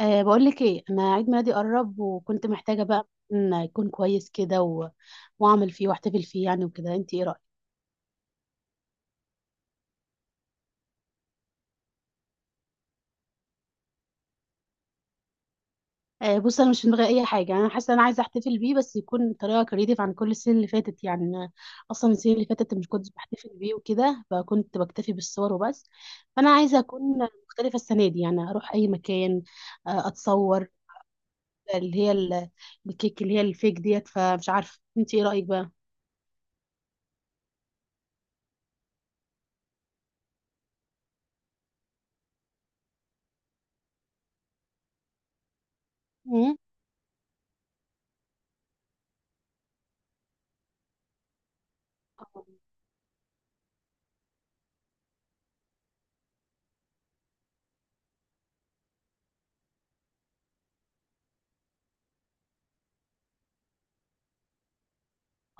بقول لك ايه، انا عيد ميلادي قرب وكنت محتاجه بقى ان يكون كويس كده واعمل فيه واحتفل فيه يعني وكده. انت ايه رايك؟ بص، انا مش في دماغي اي حاجه. انا حاسه انا عايزه احتفل بيه بس يكون بطريقه كريتيف عن كل السنين اللي فاتت. يعني أنا اصلا السنين اللي فاتت مش كنت بحتفل بيه وكده، فكنت بكتفي بالصور وبس. فانا عايزه اكون مختلفه السنه دي، يعني اروح اي مكان. اتصور. اللي هي الكيك، اللي هي الفيك ديت. فمش عارفه انت ايه رايك بقى؟ مم؟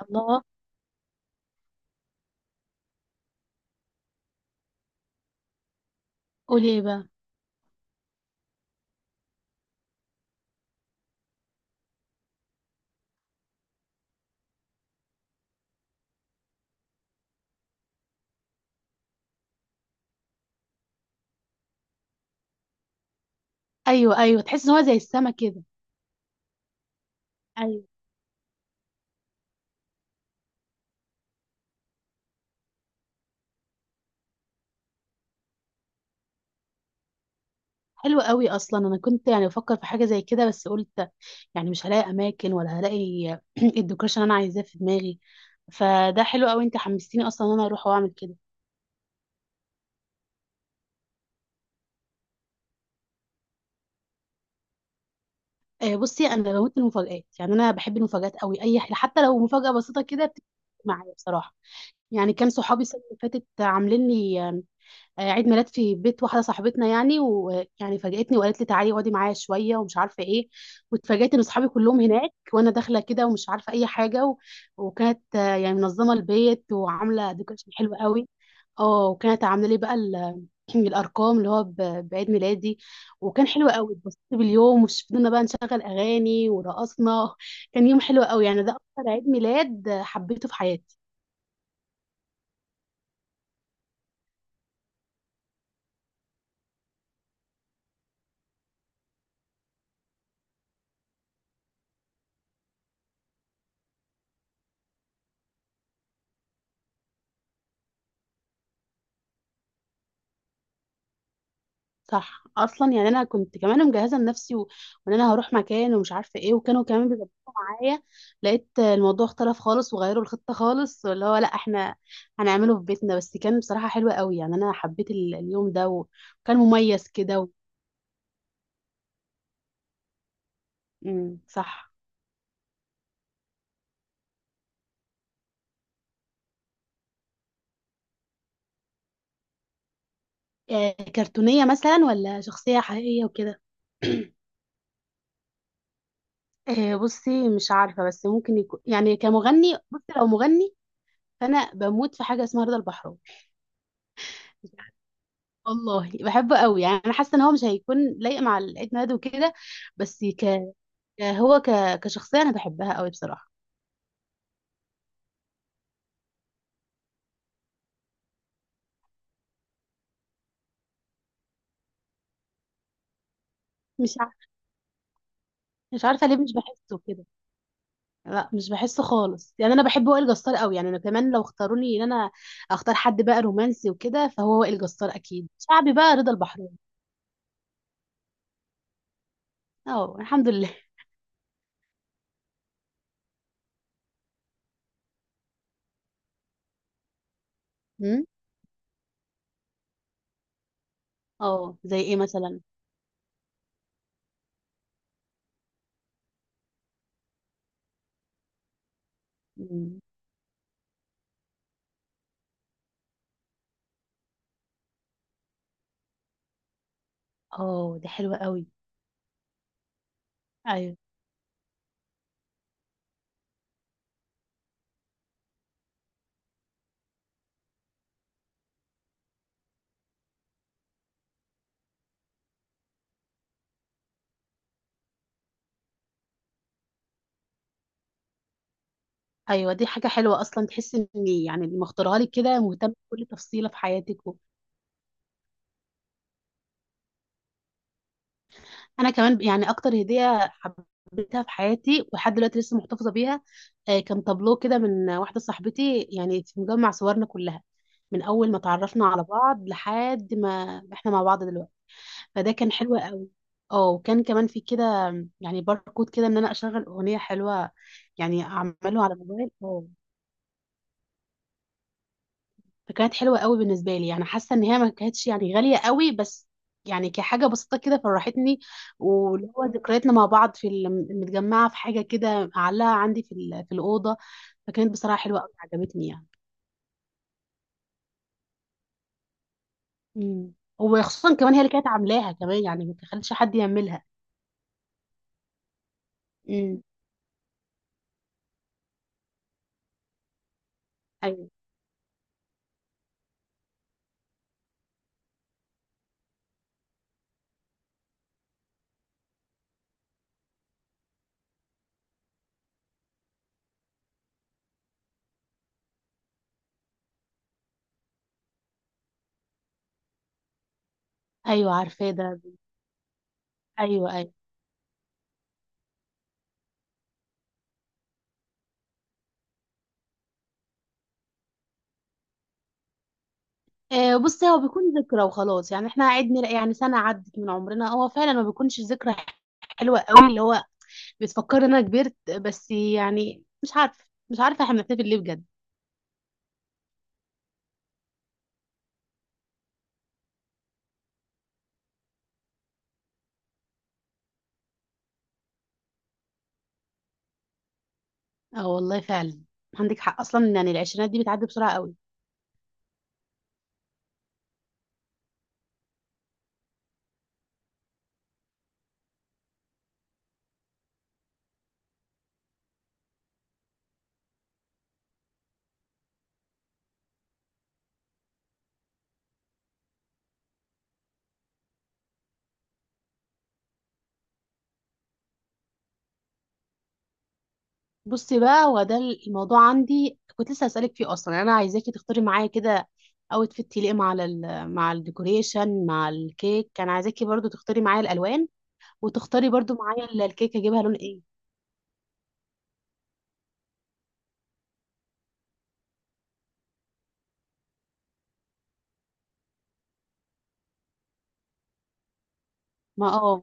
الله. قولي ايه بقى؟ ايوه، ايوه، تحس ان هو زي السما كده. ايوه. حلو قوي اصلا، انا كنت يعني بفكر في حاجه زي كده بس قلت يعني مش هلاقي اماكن ولا هلاقي الديكوريشن اللي انا عايزاه في دماغي. فده حلو قوي، انت حمستيني اصلا ان انا اروح واعمل كده. بصي، انا بموت المفاجآت. يعني انا بحب المفاجآت قوي، اي حاجه حتى لو مفاجاه بسيطه كده بتفرق معايا بصراحه. يعني كان صحابي السنه اللي فاتت عاملين لي عيد ميلاد في بيت واحده صاحبتنا، يعني ويعني فاجأتني وقالت لي تعالي اقعدي معايا شويه ومش عارفه ايه. واتفاجأت ان اصحابي كلهم هناك وانا داخله كده ومش عارفه اي حاجه وكانت يعني منظمه البيت وعامله ديكوريشن حلو قوي. اه، وكانت عامله لي بقى الارقام اللي هو بعيد ميلادي. وكان حلو قوي، اتبسطت باليوم وفضلنا بقى نشغل اغاني ورقصنا. كان يوم حلو قوي، يعني ده اكتر عيد ميلاد حبيته في حياتي. صح، اصلا يعني انا كنت كمان مجهزه لنفسي وان انا هروح مكان ومش عارفه ايه، وكانوا كمان بيبقوا معايا. لقيت الموضوع اختلف خالص وغيروا الخطه خالص، اللي هو لا احنا هنعمله في بيتنا. بس كان بصراحه حلو قوي، يعني انا حبيت اليوم ده وكان مميز كده مم، صح. كرتونيه مثلا ولا شخصيه حقيقيه وكده؟ بصي، مش عارفه. بس ممكن يكون يعني كمغني. بصي، لو مغني، فانا بموت في حاجه اسمها رضا البحراوي. والله بحبه قوي، يعني انا حاسه ان هو مش هيكون لايق مع العيد ميلاد وكده. بس هو كشخصيه انا بحبها قوي بصراحه. مش عارفه مش عارفه ليه، مش بحسه كده. لا، مش بحسه خالص. يعني انا بحب وائل جسار قوي، يعني انا كمان لو اختاروني ان انا اختار حد بقى رومانسي وكده، فهو وائل جسار. اكيد شعبي بقى رضا البحراوي. اه، الحمد لله. امم. اه، زي ايه مثلا؟ أمم. اه، دي حلوه قوي. ايوه، ايوه، دي حاجه حلوه، اصلا تحس ان يعني اللي مختارها لك كده مهتم بكل تفصيله في حياتك. انا كمان يعني اكتر هديه حبيتها في حياتي، ولحد دلوقتي لسه محتفظه بيها. كان تابلو كده من واحده صاحبتي، يعني في مجمع صورنا كلها من اول ما تعرفنا على بعض لحد ما احنا مع بعض دلوقتي. فده كان حلو قوي. اه، وكان كمان في كده يعني باركود كده، ان انا اشغل اغنيه حلوه، يعني اعمله على الموبايل. اه. فكانت حلوة قوي بالنسبة لي، يعني حاسة ان هي ما كانتش يعني غالية قوي، بس يعني كحاجة بسيطة كده فرحتني. واللي هو ذكرياتنا مع بعض متجمعة في حاجة كده معلقة عندي في الأوضة. فكانت بصراحة حلوة قوي، عجبتني يعني. امم. وخصوصا كمان هي اللي كانت عاملاها كمان، يعني ما تخليش حد يعملها. امم. ايوه، ايوه، عارفاه ده. ايوه، ايوه. بص، هو بيكون ذكرى وخلاص، يعني احنا عدنا يعني سنة عدت من عمرنا، هو فعلا ما بيكونش ذكرى حلوة قوي اللي هو بتفكر إن انا كبرت. بس يعني مش عارفه احنا بنحتفل ليه بجد. اه، والله فعلا، عندك حق اصلا، يعني العشرينات دي بتعدي بسرعه قوي. بصي بقى، هو ده الموضوع عندي كنت لسه هسألك فيه. اصلا يعني انا عايزاكي تختاري معايا كده اوتفيت يليق مع الديكوريشن، مع الكيك. كان عايزاكي برضو تختاري معايا الالوان، وتختاري برضو معايا الكيك اجيبها لون ايه. ما اه.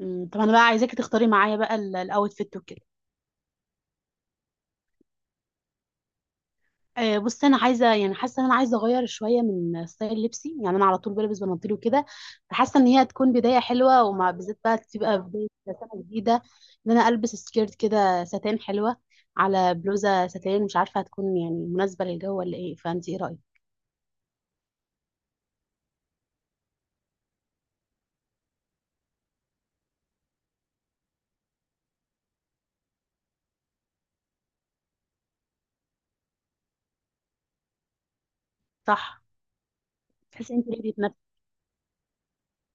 طب انا بقى عايزاكي تختاري معايا بقى الاوتفيت وكده. بص، انا عايزه يعني حاسه ان انا عايزه اغير شويه من ستايل لبسي، يعني انا على طول بلبس بناطيل وكده. فحاسه ان هي هتكون بدايه حلوه، ومع بالذات بقى تبقى بدايه سنه جديده ان انا البس سكيرت كده ساتان حلوه على بلوزه ساتان. مش عارفه هتكون يعني مناسبه للجو ولا ايه؟ فانت ايه رايك؟ صح. تحسي انت ليه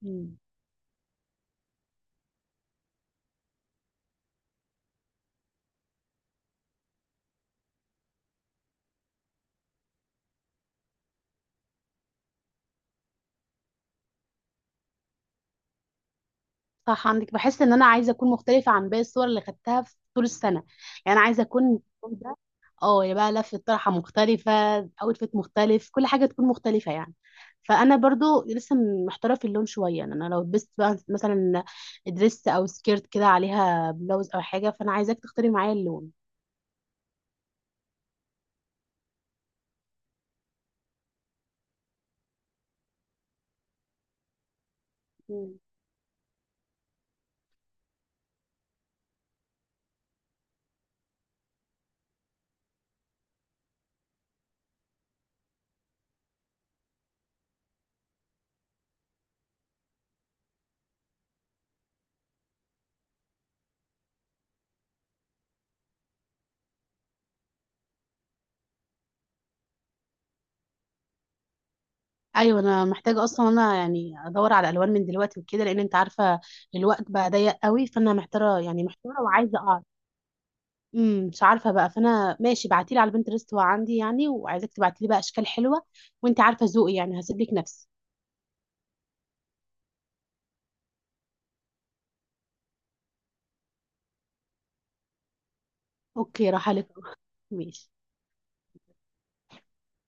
بنفسك؟ صح، عندك. بحس ان انا عايزه اكون مختلفه عن باقي الصور اللي خدتها في طول السنه. يعني انا عايزه اكون اليوم ده اه يا بقى لفه طرحه مختلفه، اوتفيت مختلف، كل حاجه تكون مختلفه يعني. فانا برضو لسه محتاره في اللون شويه. يعني انا لو لبست بقى مثلا دريس او سكيرت كده عليها بلوز او حاجه، فانا عايزاك تختاري معايا اللون. مم. ايوه، انا محتاجه اصلا، انا يعني ادور على الوان من دلوقتي وكده لان انت عارفه الوقت بقى ضيق قوي. فانا محتاره يعني محتاره، وعايزه اعرف. امم، مش عارفه بقى. فانا ماشي، بعتيلي على البنترست هو عندي يعني، وعايزاك تبعتيلي بقى اشكال حلوه. وانت عارفه ذوقي، يعني هسيب لك نفسي. اوكي، راح لك. ماشي.